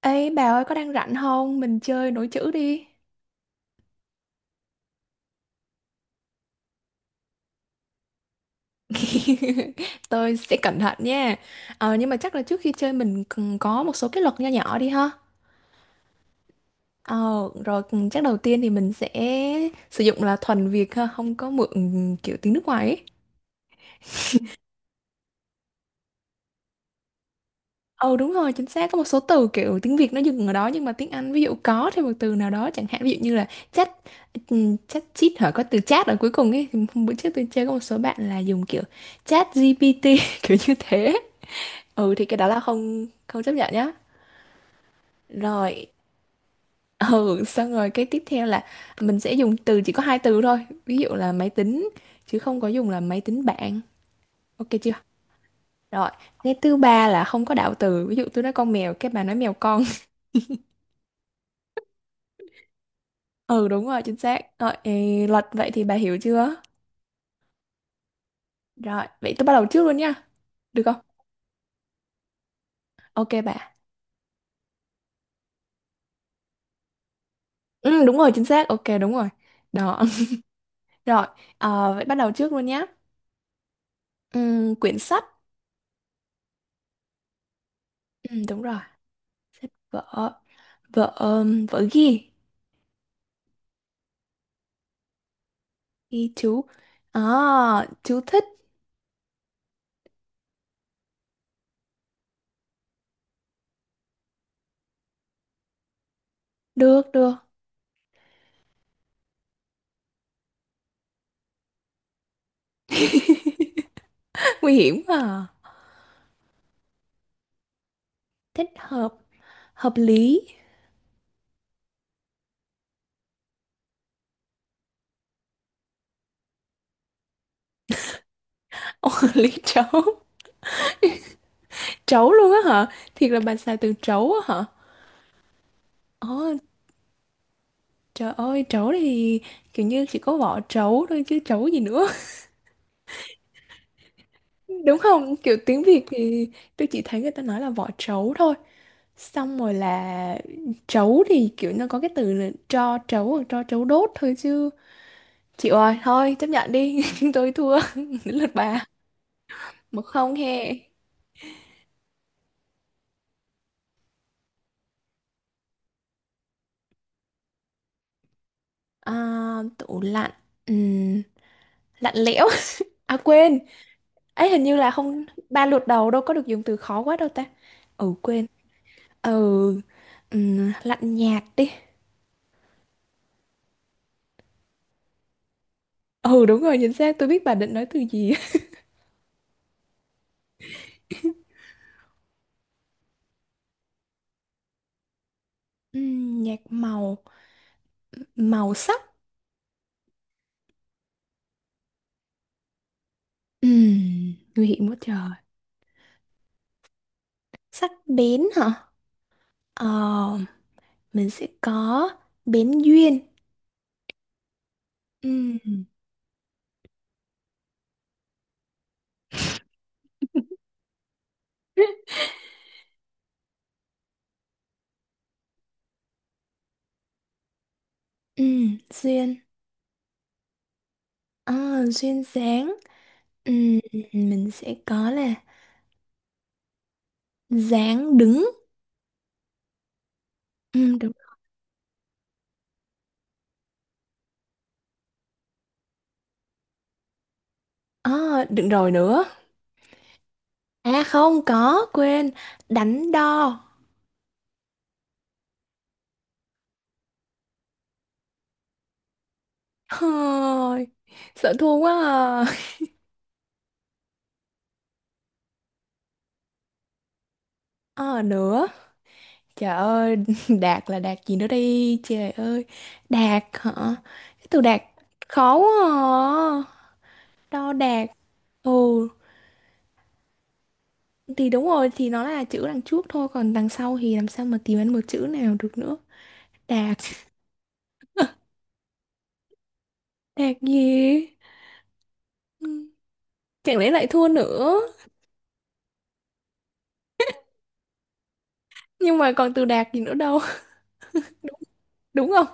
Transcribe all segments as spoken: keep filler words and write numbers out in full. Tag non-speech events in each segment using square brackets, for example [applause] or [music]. Ê bà ơi có đang rảnh không? Mình chơi nối chữ đi. [laughs] Tôi sẽ cẩn thận nha. Ờ, nhưng mà chắc là trước khi chơi mình cần có một số cái luật nho nhỏ đi ha. Ờ, rồi chắc đầu tiên thì mình sẽ sử dụng là thuần Việt ha, không có mượn kiểu tiếng nước ngoài ấy. Ờ đúng rồi, chính xác có một số từ kiểu tiếng Việt nó dừng ở đó nhưng mà tiếng Anh ví dụ có thêm một từ nào đó chẳng hạn ví dụ như là chat ừm, chat chít hả có từ chat ở cuối cùng ấy thì hôm bữa trước tôi chơi có một số bạn là dùng kiểu chat giê pê tê [laughs] kiểu như thế ừ thì cái đó là không không chấp nhận nhá rồi [laughs] ừ xong rồi cái tiếp theo là mình sẽ dùng từ chỉ có hai từ thôi ví dụ là máy tính chứ không có dùng là máy tính bảng ok chưa rồi cái thứ ba là không có đạo từ ví dụ tôi nói con mèo cái bà nói mèo con [laughs] ừ đúng rồi chính xác rồi ê, luật vậy thì bà hiểu chưa rồi vậy tôi bắt đầu trước luôn nha được không ok bà ừ đúng rồi chính xác ok đúng rồi đó [laughs] rồi ờ, vậy bắt đầu trước luôn nhá ừ, quyển sách ừ, đúng rồi vợ vợ vợ ghi thì chú à chú thích được được [laughs] nguy hiểm quá à. Thích hợp hợp lý Ồ, [laughs] lý trấu trấu luôn á hả thiệt là bà xài từ trấu á hả ồ trời ơi trấu thì kiểu như chỉ có vỏ trấu thôi chứ trấu gì nữa [laughs] đúng không kiểu tiếng Việt thì tôi chỉ thấy người ta nói là vỏ trấu thôi xong rồi là trấu thì kiểu nó có cái từ là tro trấu hoặc tro trấu đốt thôi chứ Chị ơi, thôi chấp nhận đi, [laughs] tôi thua, [laughs] đến lượt bà. Một không he. À, tủ lạnh, Ừm, lạnh lẽo. [laughs] À quên, ấy hình như là không, ba lượt đầu đâu có được dùng từ khó quá đâu ta. Ừ quên, ừ, Ừm, lạnh nhạt đi. Ừ đúng rồi, chính xác, tôi biết bà định nói từ gì. [laughs] Ừm, nhạt màu, màu sắc. Ừm, nguy hiểm quá trời. Sắc bén hả? Ờ, mình sẽ có bén duyên. Ừm. [laughs] Ừ, duyên. À, duyên dáng. Ừ, ừ, mình sẽ có là dáng đứng. Ừ, đúng. À, đừng rồi nữa. À không có, quên. Đánh đo. Thôi, sợ thua quá à. À, nữa. Trời ơi, [laughs] đạt là đạt gì nữa đây Trời ơi, đạt hả? Cái từ đạt khó quá à. Đo đạt. Ồ, thì đúng rồi, thì nó là chữ đằng trước thôi. Còn đằng sau thì làm sao mà tìm ra một chữ nào được nữa. Đạt. Đạt gì? Ừ, Chẳng lẽ lại thua nữa? Nhưng mà còn từ đạt gì nữa đâu, [laughs] đúng không?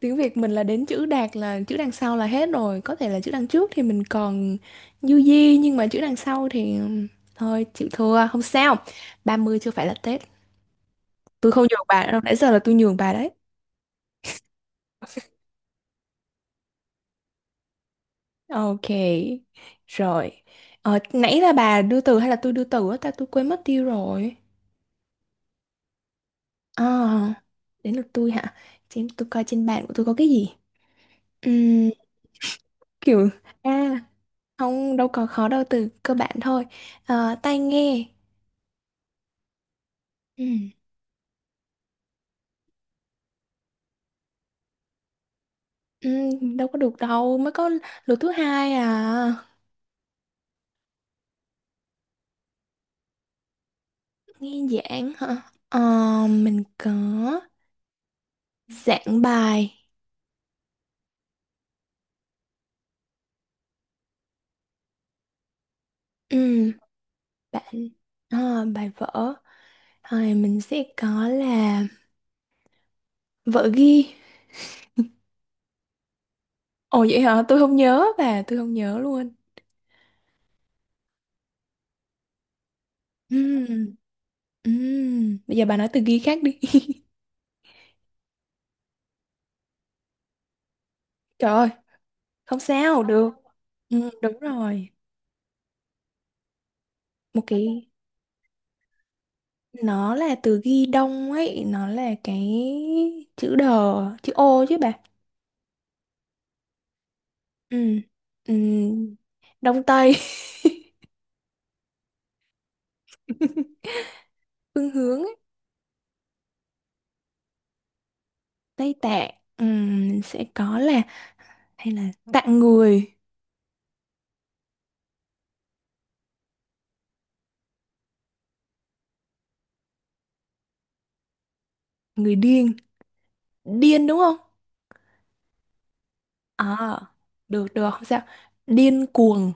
Tiếng Việt mình là đến chữ đạt là chữ đằng sau là hết rồi, có thể là chữ đằng trước thì mình còn du di nhưng mà chữ đằng sau thì thôi chịu thua, không sao. ba mươi chưa phải là Tết. Tôi không nhường bà đâu, nãy giờ là tôi nhường bà đấy. Ok. Rồi. Ờ, nãy là bà đưa từ hay là tôi đưa từ á ta tôi quên mất tiêu rồi. À, đến lượt tôi hả? Xem tôi coi trên bàn của tôi có cái gì. Kiểu à không đâu có khó đâu từ cơ bản thôi Ờ, tai nghe Ừ. ừ, đâu có được đâu mới có lượt thứ hai à nghe giảng hả Ờ, mình có giảng bài ừ, bạn ờ, bài vở rồi mình sẽ có là vở ghi ồ vậy hả tôi không nhớ bà tôi không nhớ luôn ừ, ừ. bây giờ bà nói từ ghi khác đi [laughs] trời ơi không sao được ừ, đúng rồi một cái nó là từ ghi đông ấy nó là cái chữ đờ chữ ô chứ bà ừ ừ đông tây [laughs] phương hướng ấy. Tây Tạng ừm, sẽ có là hay là tạng người người điên điên đúng không à được được không sao điên cuồng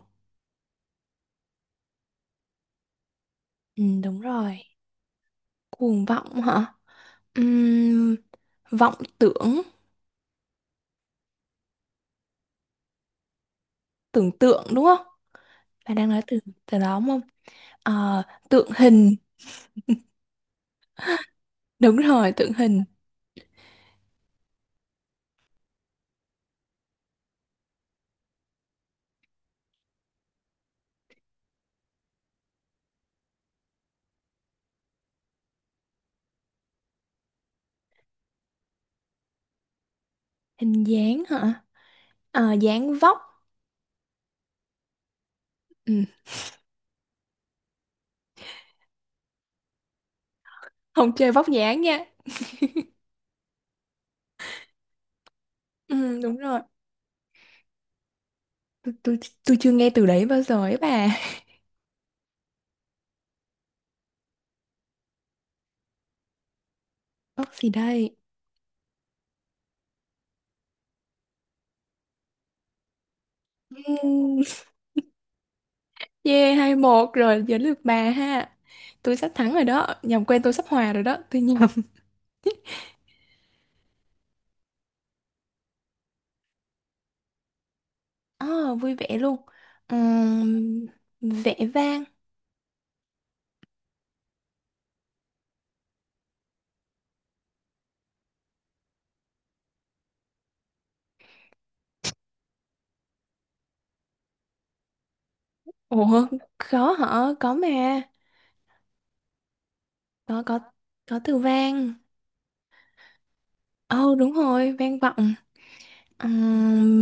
ừ, đúng rồi cuồng vọng hả Ừm, vọng tưởng tưởng tượng đúng không bà đang nói từ từ đó đúng không Ờ, tượng hình Đúng rồi, tượng hình. Hình dáng hả? Ờ, dáng vóc. Ừ. Không chơi vóc dáng nha. Ừ, đúng rồi. Tôi, tôi, tôi chưa nghe từ đấy bao giờ ấy bà. [laughs] Vóc gì đây? Ừm, Yeah, hai một rồi, giờ lượt bà ha. Tôi sắp thắng rồi đó. Nhầm quen tôi sắp hòa rồi đó. Tôi nhầm. [laughs] Ờ, vui vẻ luôn. Ừm, vẻ vang. Ủa, khó hả? Có mà. Có, có, có từ vang. Ồ, đúng rồi, vang vọng. Ờ,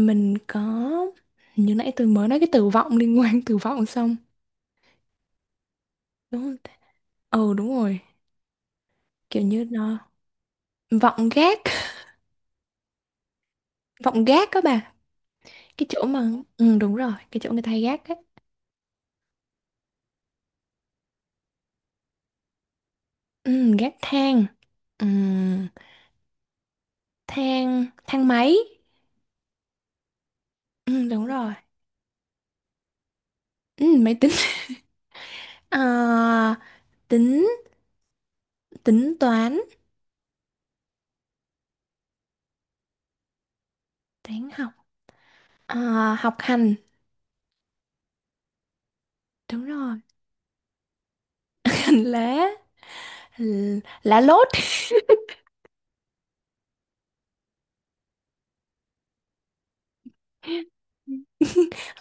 mình có như nãy tôi mới nói cái từ vọng liên quan từ vọng xong đúng không ta? Ừ đúng rồi kiểu như nó vọng gác [laughs] vọng gác các bà cái chỗ mà ừ đúng rồi cái chỗ người ta hay gác á ừ, gác thang ừ, thang thang máy ừ, đúng rồi ừ, máy tính [laughs] Ờ, tính tính toán toán học Ờ, học hành đúng rồi [laughs] hành lá lá lốt [laughs]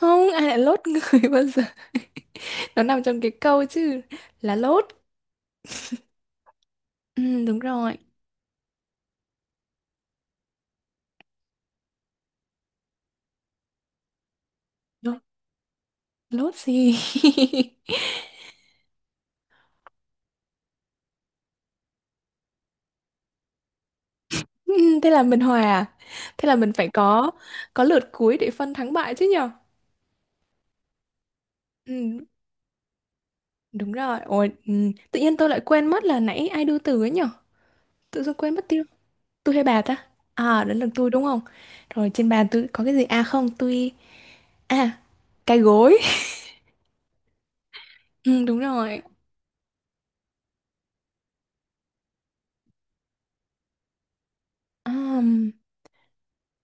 không ai lại lốt người [laughs] bao giờ nó nằm trong cái câu chứ là lốt ừ, đúng rồi lốt lốt gì [laughs] Ừ, thế là mình hòa à? Thế là mình phải có có lượt cuối để phân thắng bại chứ nhở ừ, đúng rồi ôi ừ. tự nhiên tôi lại quên mất là nãy ai đưa từ ấy nhở tự dưng quên mất tiêu tôi hay bà ta à đến lượt tôi đúng không rồi trên bàn tôi có cái gì à không tôi à cái gối [laughs] ừ, đúng rồi Ờm,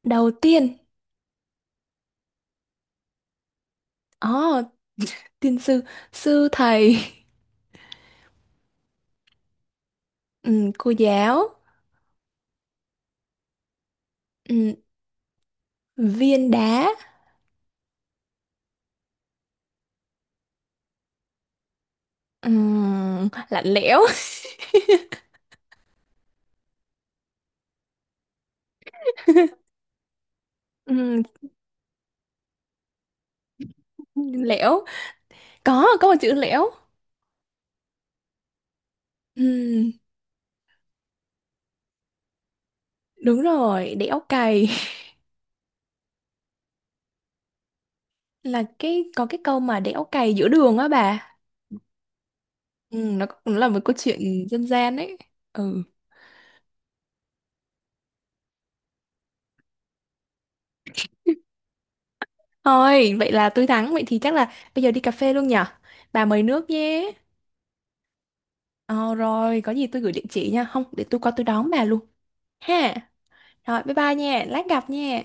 đầu tiên Ồ, tiên sư sư thầy [laughs] ừm, cô giáo ừm, viên đá ừm, lạnh lẽo [laughs] Ừm, lẽo có có một chữ lẽo Ừm, đúng rồi đẽo cày [laughs] là cái có cái câu mà đẽo cày giữa đường á bà Ừm, nó cũng là một câu chuyện dân gian ấy ừ thôi vậy là tôi thắng vậy thì chắc là bây giờ đi cà phê luôn nhở bà mời nước nhé ờ rồi có gì tôi gửi địa chỉ nha không để tôi qua tôi đón bà luôn ha Rồi bye bye nha, lát gặp nha.